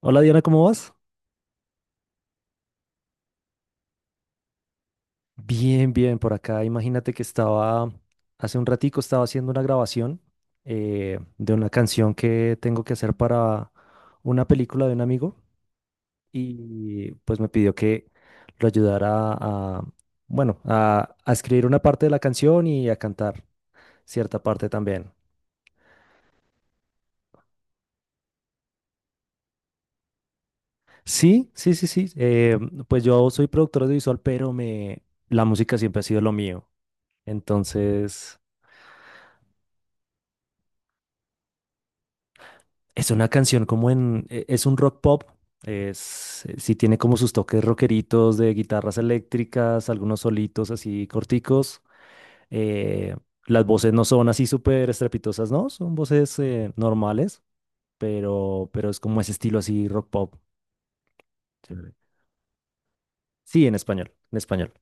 Hola Diana, ¿cómo vas? Bien, bien, por acá. Imagínate que estaba, hace un ratico estaba haciendo una grabación de una canción que tengo que hacer para una película de un amigo y pues me pidió que lo ayudara a, bueno, a escribir una parte de la canción y a cantar cierta parte también. Sí, sí, sí, sí. Pues yo soy productor audiovisual, pero me, la música siempre ha sido lo mío. Entonces... Es una canción como es un rock pop, es, sí tiene como sus toques rockeritos de guitarras eléctricas, algunos solitos así corticos. eh, las voces no son así súper estrepitosas, ¿no? Son voces normales, pero es como ese estilo así rock pop. Chévere. Sí, en español, en español.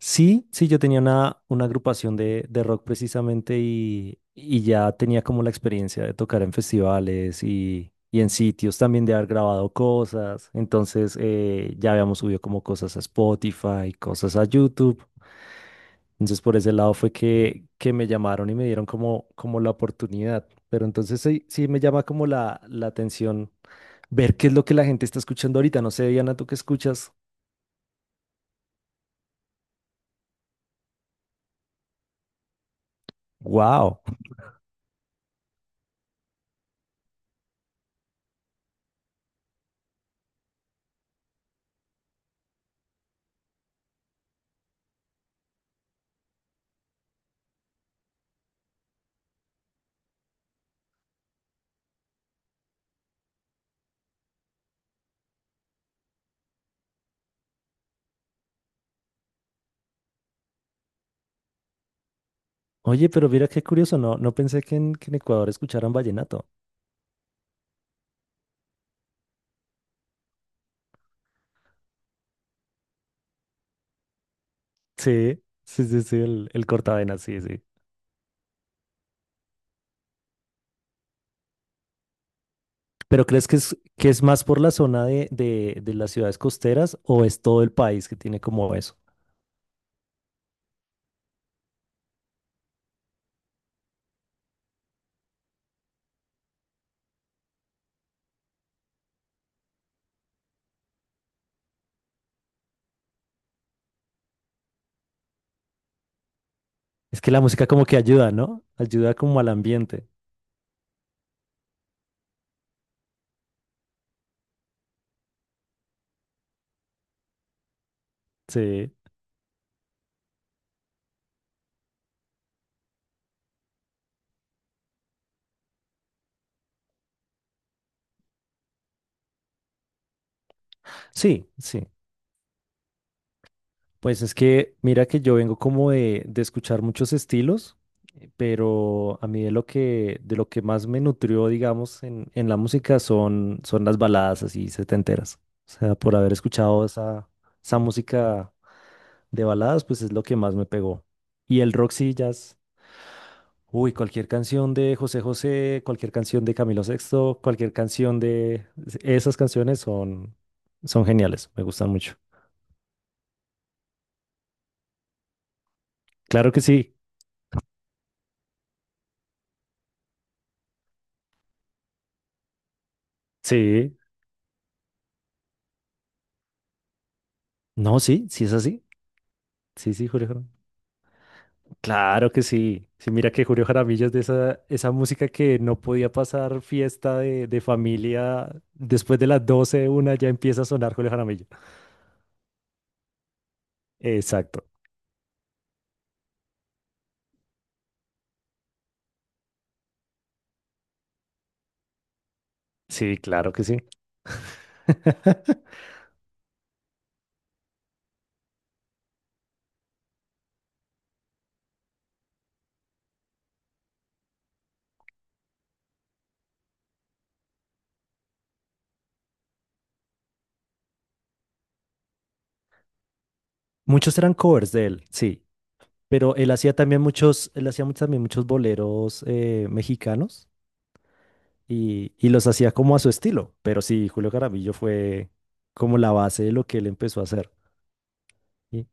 Sí, sí, yo tenía una agrupación de rock precisamente y ya tenía como la experiencia de tocar en festivales y en sitios también de haber grabado cosas. Entonces ya habíamos subido como cosas a Spotify, cosas a YouTube. Entonces por ese lado fue que me llamaron y me dieron como, como la oportunidad. Pero entonces sí, sí me llama como la atención ver qué es lo que la gente está escuchando ahorita. No sé, Diana, tú qué escuchas. ¡Wow! Oye, pero mira qué curioso, no pensé que que en Ecuador escucharan vallenato. Sí, sí, sí, sí, el cortavenas, sí, sí. ¿Pero crees que es más por la zona de las ciudades costeras o es todo el país que tiene como eso? Es que la música como que ayuda, ¿no? Ayuda como al ambiente. Sí, sí, sí. Pues es que mira que yo vengo como de escuchar muchos estilos, pero a mí de lo que más me nutrió, digamos, en la música son, son las baladas así setenteras. O sea, por haber escuchado esa, esa música de baladas, pues es lo que más me pegó. Y el rock sí, jazz. Uy, cualquier canción de José José, cualquier canción de Camilo Sexto, cualquier canción de... Esas canciones son, son geniales, me gustan mucho. Claro que sí, sí. No, sí, sí es así. Sí, sí, Julio Jaramillo. Claro que sí. Sí, mira que Julio Jaramillo es de esa, esa música que no podía pasar fiesta de familia. Después de las 12 una ya empieza a sonar Julio Jaramillo. Exacto. Sí, claro que sí. Muchos eran covers de él, sí. Pero él hacía también muchos, también muchos boleros mexicanos y los hacía como a su estilo. Pero sí, Julio Jaramillo fue como la base de lo que él empezó a hacer. Y,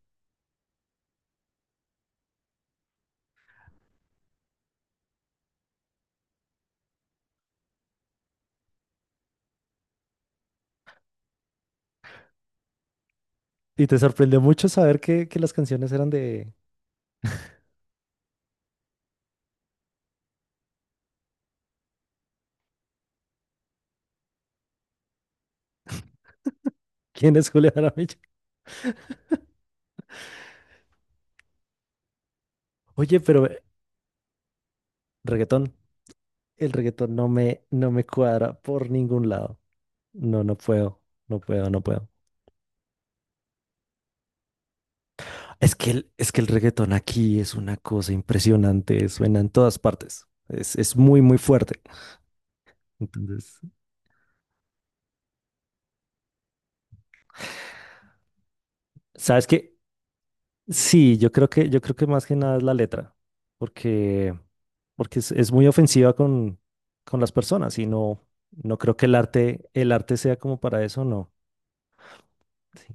y te sorprendió mucho saber que las canciones eran de, ¿Quién es Julio Jaramillo? Oye, pero reggaetón, el reggaetón no me cuadra por ningún lado. No, no puedo, no puedo, no puedo. Es que es que el reggaetón aquí es una cosa impresionante, suena en todas partes. Es muy fuerte. Entonces, ¿sabes qué? Sí, yo creo que más que nada es la letra, porque, porque es muy ofensiva con las personas y no, no creo que el arte sea como para eso, no. Sí.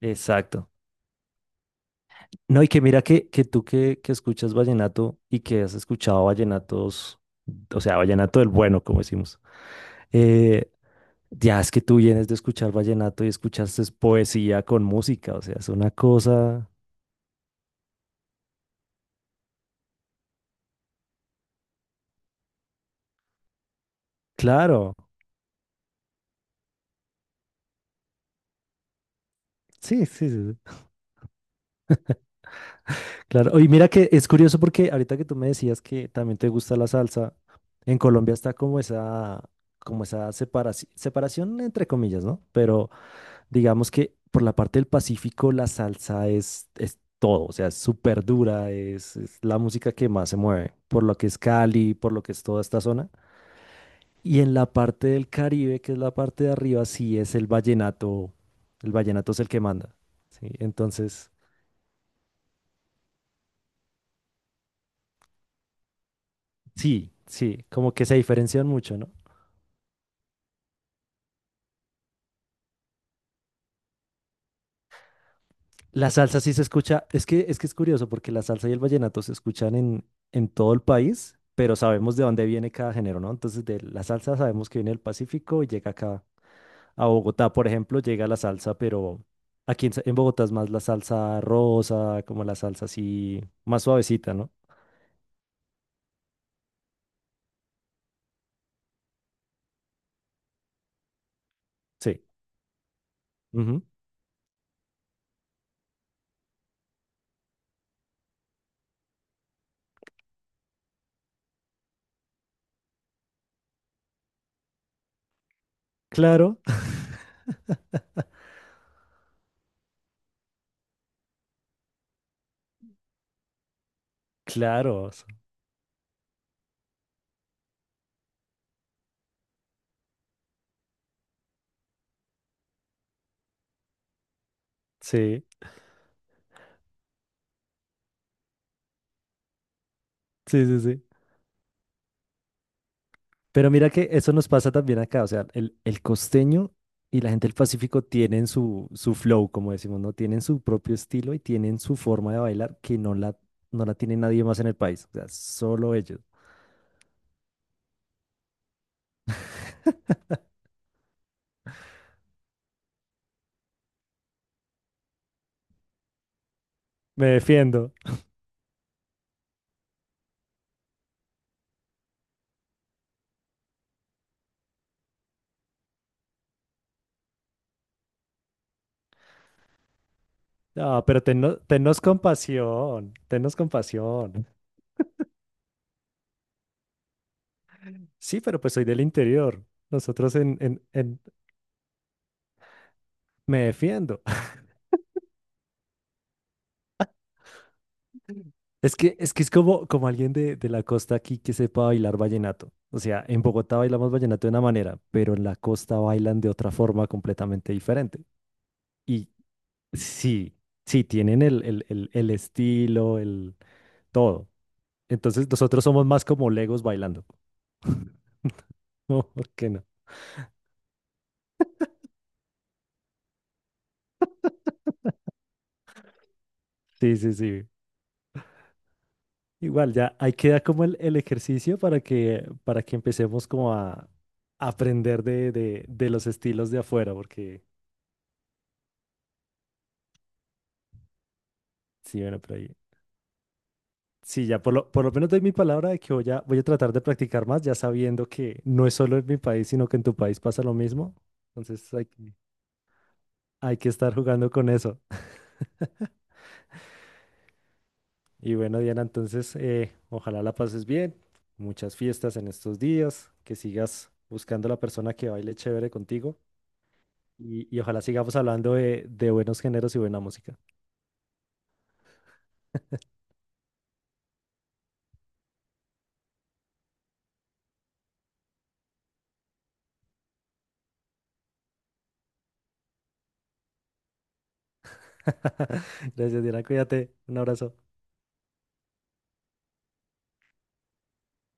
Exacto. No, y que mira que tú que escuchas vallenato y que has escuchado vallenatos, o sea, vallenato del bueno, como decimos. eh, ya es que tú vienes de escuchar vallenato y escuchaste es poesía con música, o sea, es una cosa. Claro, sí, sí, sí, sí, claro. Y mira que es curioso porque ahorita que tú me decías que también te gusta la salsa, en Colombia está como esa separación, separación entre comillas, ¿no? Pero digamos que por la parte del Pacífico la salsa es todo, o sea, es súper dura, es la música que más se mueve, por lo que es Cali, por lo que es toda esta zona. Y en la parte del Caribe, que es la parte de arriba, sí es el vallenato es el que manda, ¿sí? Entonces, sí, sí, como que se diferencian mucho, ¿no? La salsa sí se escucha, es que es curioso porque la salsa y el vallenato se escuchan en todo el país, pero sabemos de dónde viene cada género, ¿no? Entonces, de la salsa sabemos que viene del Pacífico y llega acá a Bogotá, por ejemplo, llega la salsa, pero aquí en Bogotá es más la salsa rosa, como la salsa así más suavecita, ¿no? Sí. Ujú. Claro, claro. Sí, sí, sí, sí. Pero mira que eso nos pasa también acá, o sea, el costeño y la gente del Pacífico tienen su, su flow, como decimos, ¿no? Tienen su propio estilo y tienen su forma de bailar que no la, no la tiene nadie más en el país, o sea, solo ellos. Me defiendo. Ah, pero tennos compasión, tennos compasión. Sí, pero pues soy del interior. Nosotros en- Me defiendo. Es que es como, como alguien de la costa aquí que sepa bailar vallenato. O sea, en Bogotá bailamos vallenato de una manera, pero en la costa bailan de otra forma completamente diferente. Y sí, sí, tienen el estilo, el todo. Entonces nosotros somos más como legos bailando. No, ¿por qué no? Sí, sí, sí. Igual, ya ahí queda como el ejercicio para que empecemos como a aprender de los estilos de afuera, porque sí, bueno, pero ahí sí, ya por lo menos doy mi palabra de que voy a, voy a tratar de practicar más, ya sabiendo que no es solo en mi país, sino que en tu país pasa lo mismo. Entonces hay, que- Hay que estar jugando con eso. Y bueno, Diana, entonces ojalá la pases bien. Muchas fiestas en estos días, que sigas buscando la persona que baile chévere contigo y ojalá sigamos hablando de buenos géneros y buena música. Gracias, Diana, cuídate. Un abrazo.